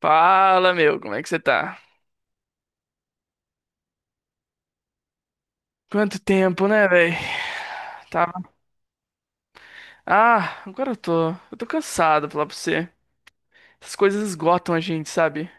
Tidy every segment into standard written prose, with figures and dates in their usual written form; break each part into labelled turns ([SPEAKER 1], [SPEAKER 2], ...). [SPEAKER 1] Fala, meu, como é que você tá? Quanto tempo, né, velho? Tava. Ah, agora eu tô. Eu tô cansado, falar pra você. Essas coisas esgotam a gente, sabe?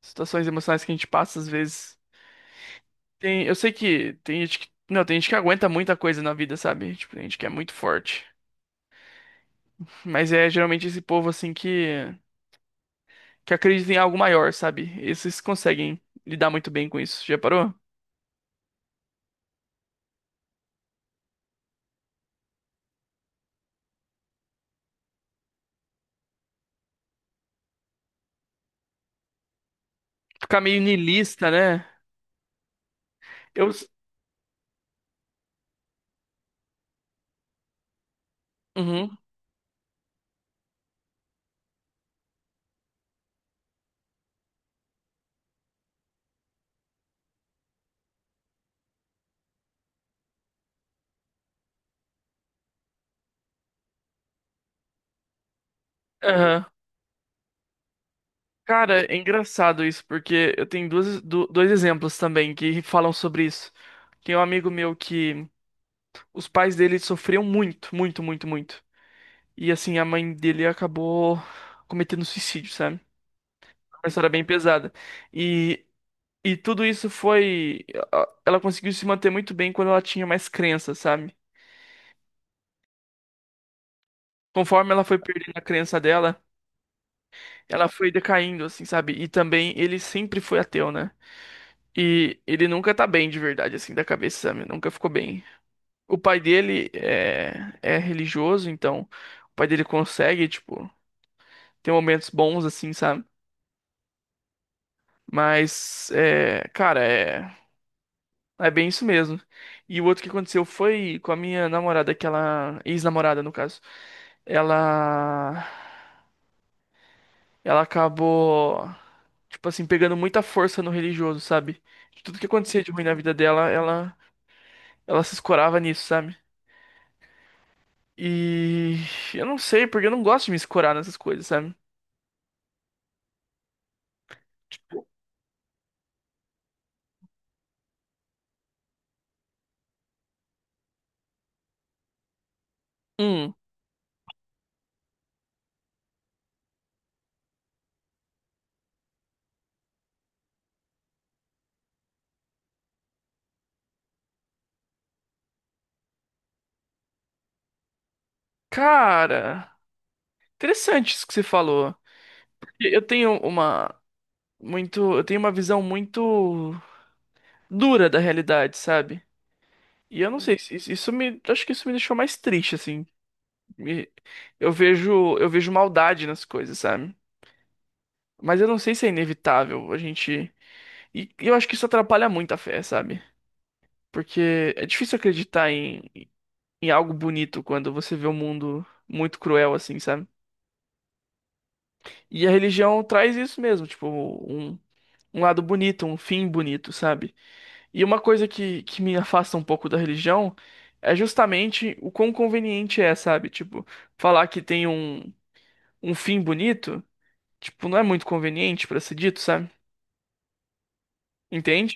[SPEAKER 1] Situações emocionais que a gente passa às vezes. Eu sei que tem gente que. Não, tem gente que aguenta muita coisa na vida, sabe? Tipo, tem gente que é muito forte. Mas é geralmente esse povo, assim, que. Que acredita em algo maior, sabe? Esses conseguem lidar muito bem com isso. Já parou? Ficar meio niilista, né? Eu. Uhum. Aham. Cara, é engraçado isso, porque eu tenho dois exemplos também que falam sobre isso. Tem um amigo meu que os pais dele sofriam muito, muito, muito, muito. E assim, a mãe dele acabou cometendo suicídio, sabe? Uma história bem pesada. E, e tudo isso foi. Ela conseguiu se manter muito bem quando ela tinha mais crença, sabe? Conforme ela foi perdendo a crença dela, ela foi decaindo, assim, sabe? E também ele sempre foi ateu, né? E ele nunca tá bem de verdade, assim, da cabeça, sabe? Nunca ficou bem. O pai dele é religioso, então o pai dele consegue, tipo, ter momentos bons, assim, sabe? Mas, é bem isso mesmo. E o outro que aconteceu foi com a minha namorada, que ela, ex-namorada, no caso. Ela, ela acabou, tipo assim, pegando muita força no religioso, sabe? De tudo que acontecia de ruim na vida dela, ela se escorava nisso, sabe? E eu não sei, porque eu não gosto de me escorar nessas coisas, sabe? Hum, cara, interessante isso que você falou. E eu tenho eu tenho uma visão muito dura da realidade, sabe? E eu não sei. Uhum. Isso me, acho que isso me deixou mais triste, assim. Me- eu vejo maldade nas coisas, sabe? Mas eu não sei se é inevitável a gente. E eu acho que isso atrapalha muito a fé, sabe? Porque é difícil acreditar em algo bonito quando você vê o um mundo muito cruel, assim, sabe? E a religião traz isso mesmo, tipo, um lado bonito, um fim bonito, sabe? E uma coisa que me afasta um pouco da religião é justamente o quão conveniente é, sabe? Tipo, falar que tem um, um fim bonito, tipo, não é muito conveniente pra ser dito, sabe? Entende?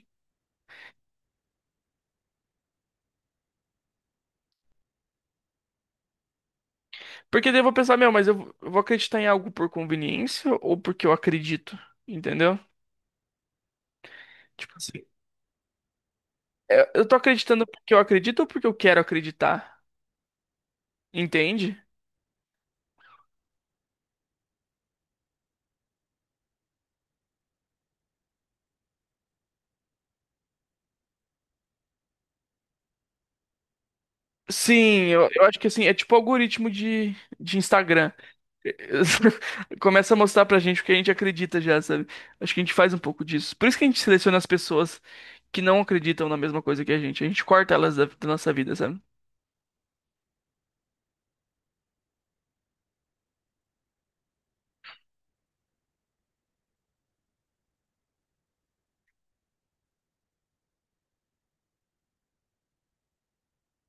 [SPEAKER 1] Porque daí eu vou pensar, meu, mas eu vou acreditar em algo por conveniência ou porque eu acredito, entendeu? Tipo assim. É, eu tô acreditando porque eu acredito ou porque eu quero acreditar? Entende? Sim, eu acho que assim, é tipo algoritmo de Instagram. Começa a mostrar pra gente o que a gente acredita já, sabe? Acho que a gente faz um pouco disso. Por isso que a gente seleciona as pessoas que não acreditam na mesma coisa que a gente. A gente corta elas da nossa vida, sabe?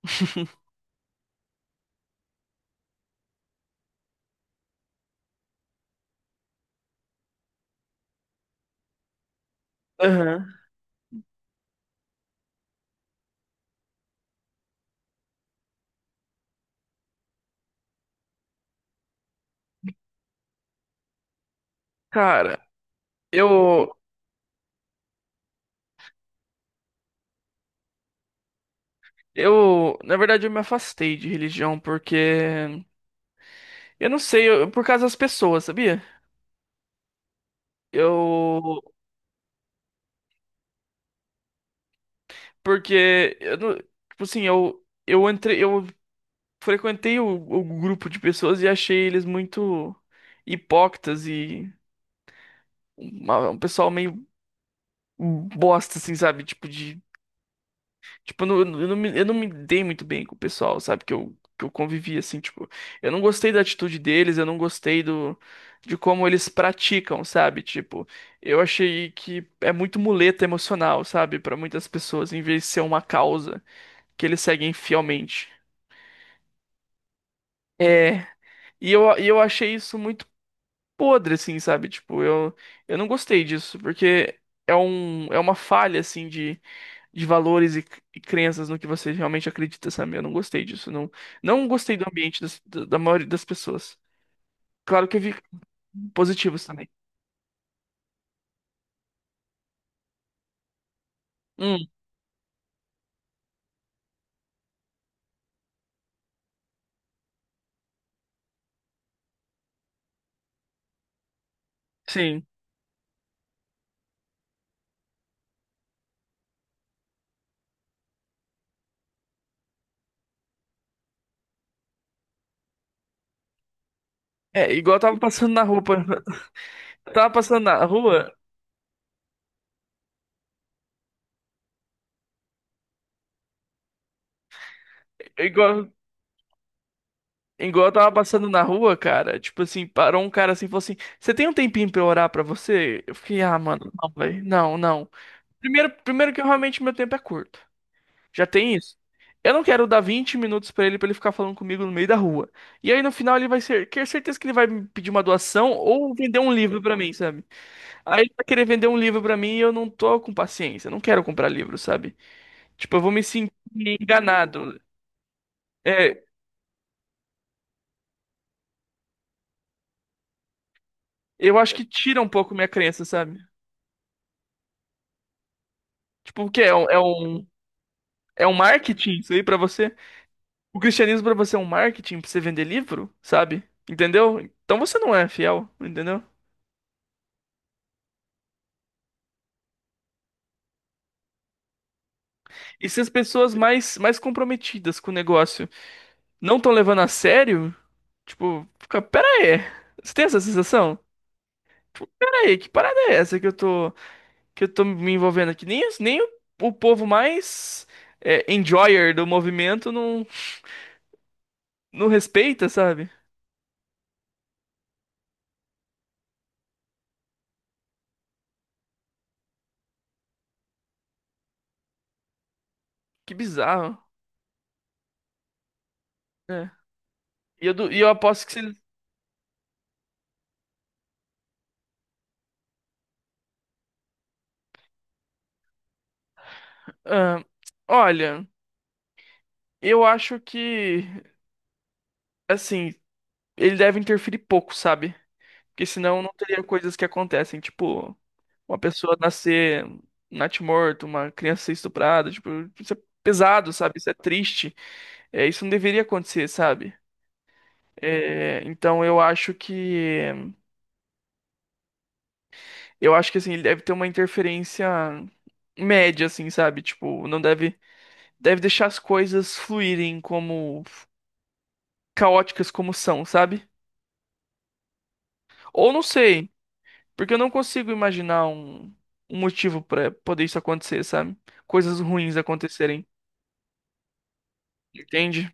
[SPEAKER 1] Aham. Cara, eu. Eu, na verdade, eu me afastei de religião porque eu não sei, por causa das pessoas, sabia? Eu Porque eu não, tipo assim, eu entrei, eu frequentei o grupo de pessoas e achei eles muito hipócritas e um pessoal meio bosta assim, sabe? Tipo de tipo eu não, eu não me dei muito bem com o pessoal, sabe? Que eu convivi assim, tipo, eu não gostei da atitude deles, eu não gostei do de como eles praticam, sabe? Tipo, eu achei que é muito muleta emocional, sabe? Pra muitas pessoas, em vez de ser uma causa que eles seguem fielmente. É, e eu achei isso muito podre, assim, sabe? Eu não gostei disso, porque é uma falha, assim, de valores e crenças no que você realmente acredita, sabe? Eu não gostei disso, não, não gostei do ambiente da maioria das pessoas. Claro que eu vi positivos também. Hum, sim. É, igual eu tava passando na rua. tava passando na rua, igual Igual eu tava passando na rua, cara, tipo assim, parou um cara assim e falou assim: Você tem um tempinho pra eu orar pra você? Eu fiquei, ah, mano, não, velho, não, não. Primeiro que eu, realmente meu tempo é curto. Já tem isso. Eu não quero dar 20 minutos pra ele ficar falando comigo no meio da rua. E aí no final ele vai ser, quer certeza que ele vai me pedir uma doação ou vender um livro pra mim, sabe? Aí ele vai querer vender um livro pra mim e eu não tô com paciência, eu não quero comprar livro, sabe? Tipo, eu vou me sentir enganado. É, eu acho que tira um pouco minha crença, sabe? Tipo, o quê? É um marketing isso aí pra você? O cristianismo pra você é um marketing pra você vender livro, sabe? Entendeu? Então você não é fiel, entendeu? E se as pessoas mais comprometidas com o negócio não estão levando a sério, tipo, fica, pera aí. Você tem essa sensação? Tipo, pera aí, que parada é essa que eu tô me envolvendo aqui? Nem, o povo mais é, enjoyer do movimento não, não respeita, sabe? Que bizarro. É. E eu aposto que se Ah, olha, eu acho que, assim, ele deve interferir pouco, sabe? Porque senão não teria coisas que acontecem, tipo, uma pessoa nascer natimorto, uma criança ser estuprada, tipo, isso é pesado, sabe? Isso é triste. É, isso não deveria acontecer, sabe? É, então eu acho que, assim, ele deve ter uma interferência média, assim, sabe? Tipo, não deve, deve deixar as coisas fluírem como, caóticas como são, sabe? Ou não sei. Porque eu não consigo imaginar um motivo pra poder isso acontecer, sabe? Coisas ruins acontecerem, entende?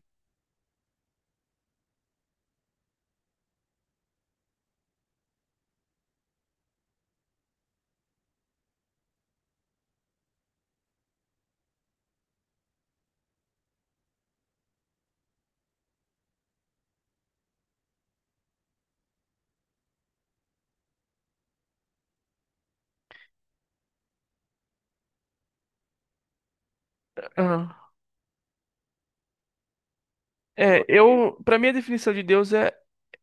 [SPEAKER 1] Aham. É, eu, para mim a definição de Deus é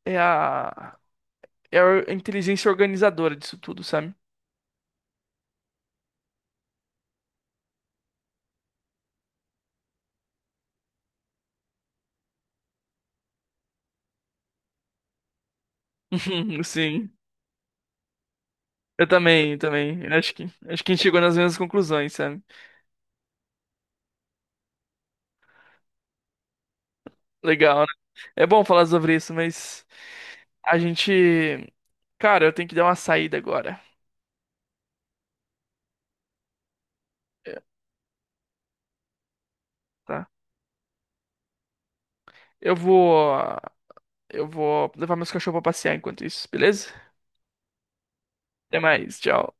[SPEAKER 1] é a é a inteligência organizadora disso tudo, sabe? Sim. Eu também. Eu acho que a gente chegou nas mesmas conclusões, sabe? Legal, né? É bom falar sobre isso, mas a gente, cara, eu tenho que dar uma saída agora. É, tá? Eu vou eu vou levar meus cachorros pra passear enquanto isso, beleza? Até mais, tchau.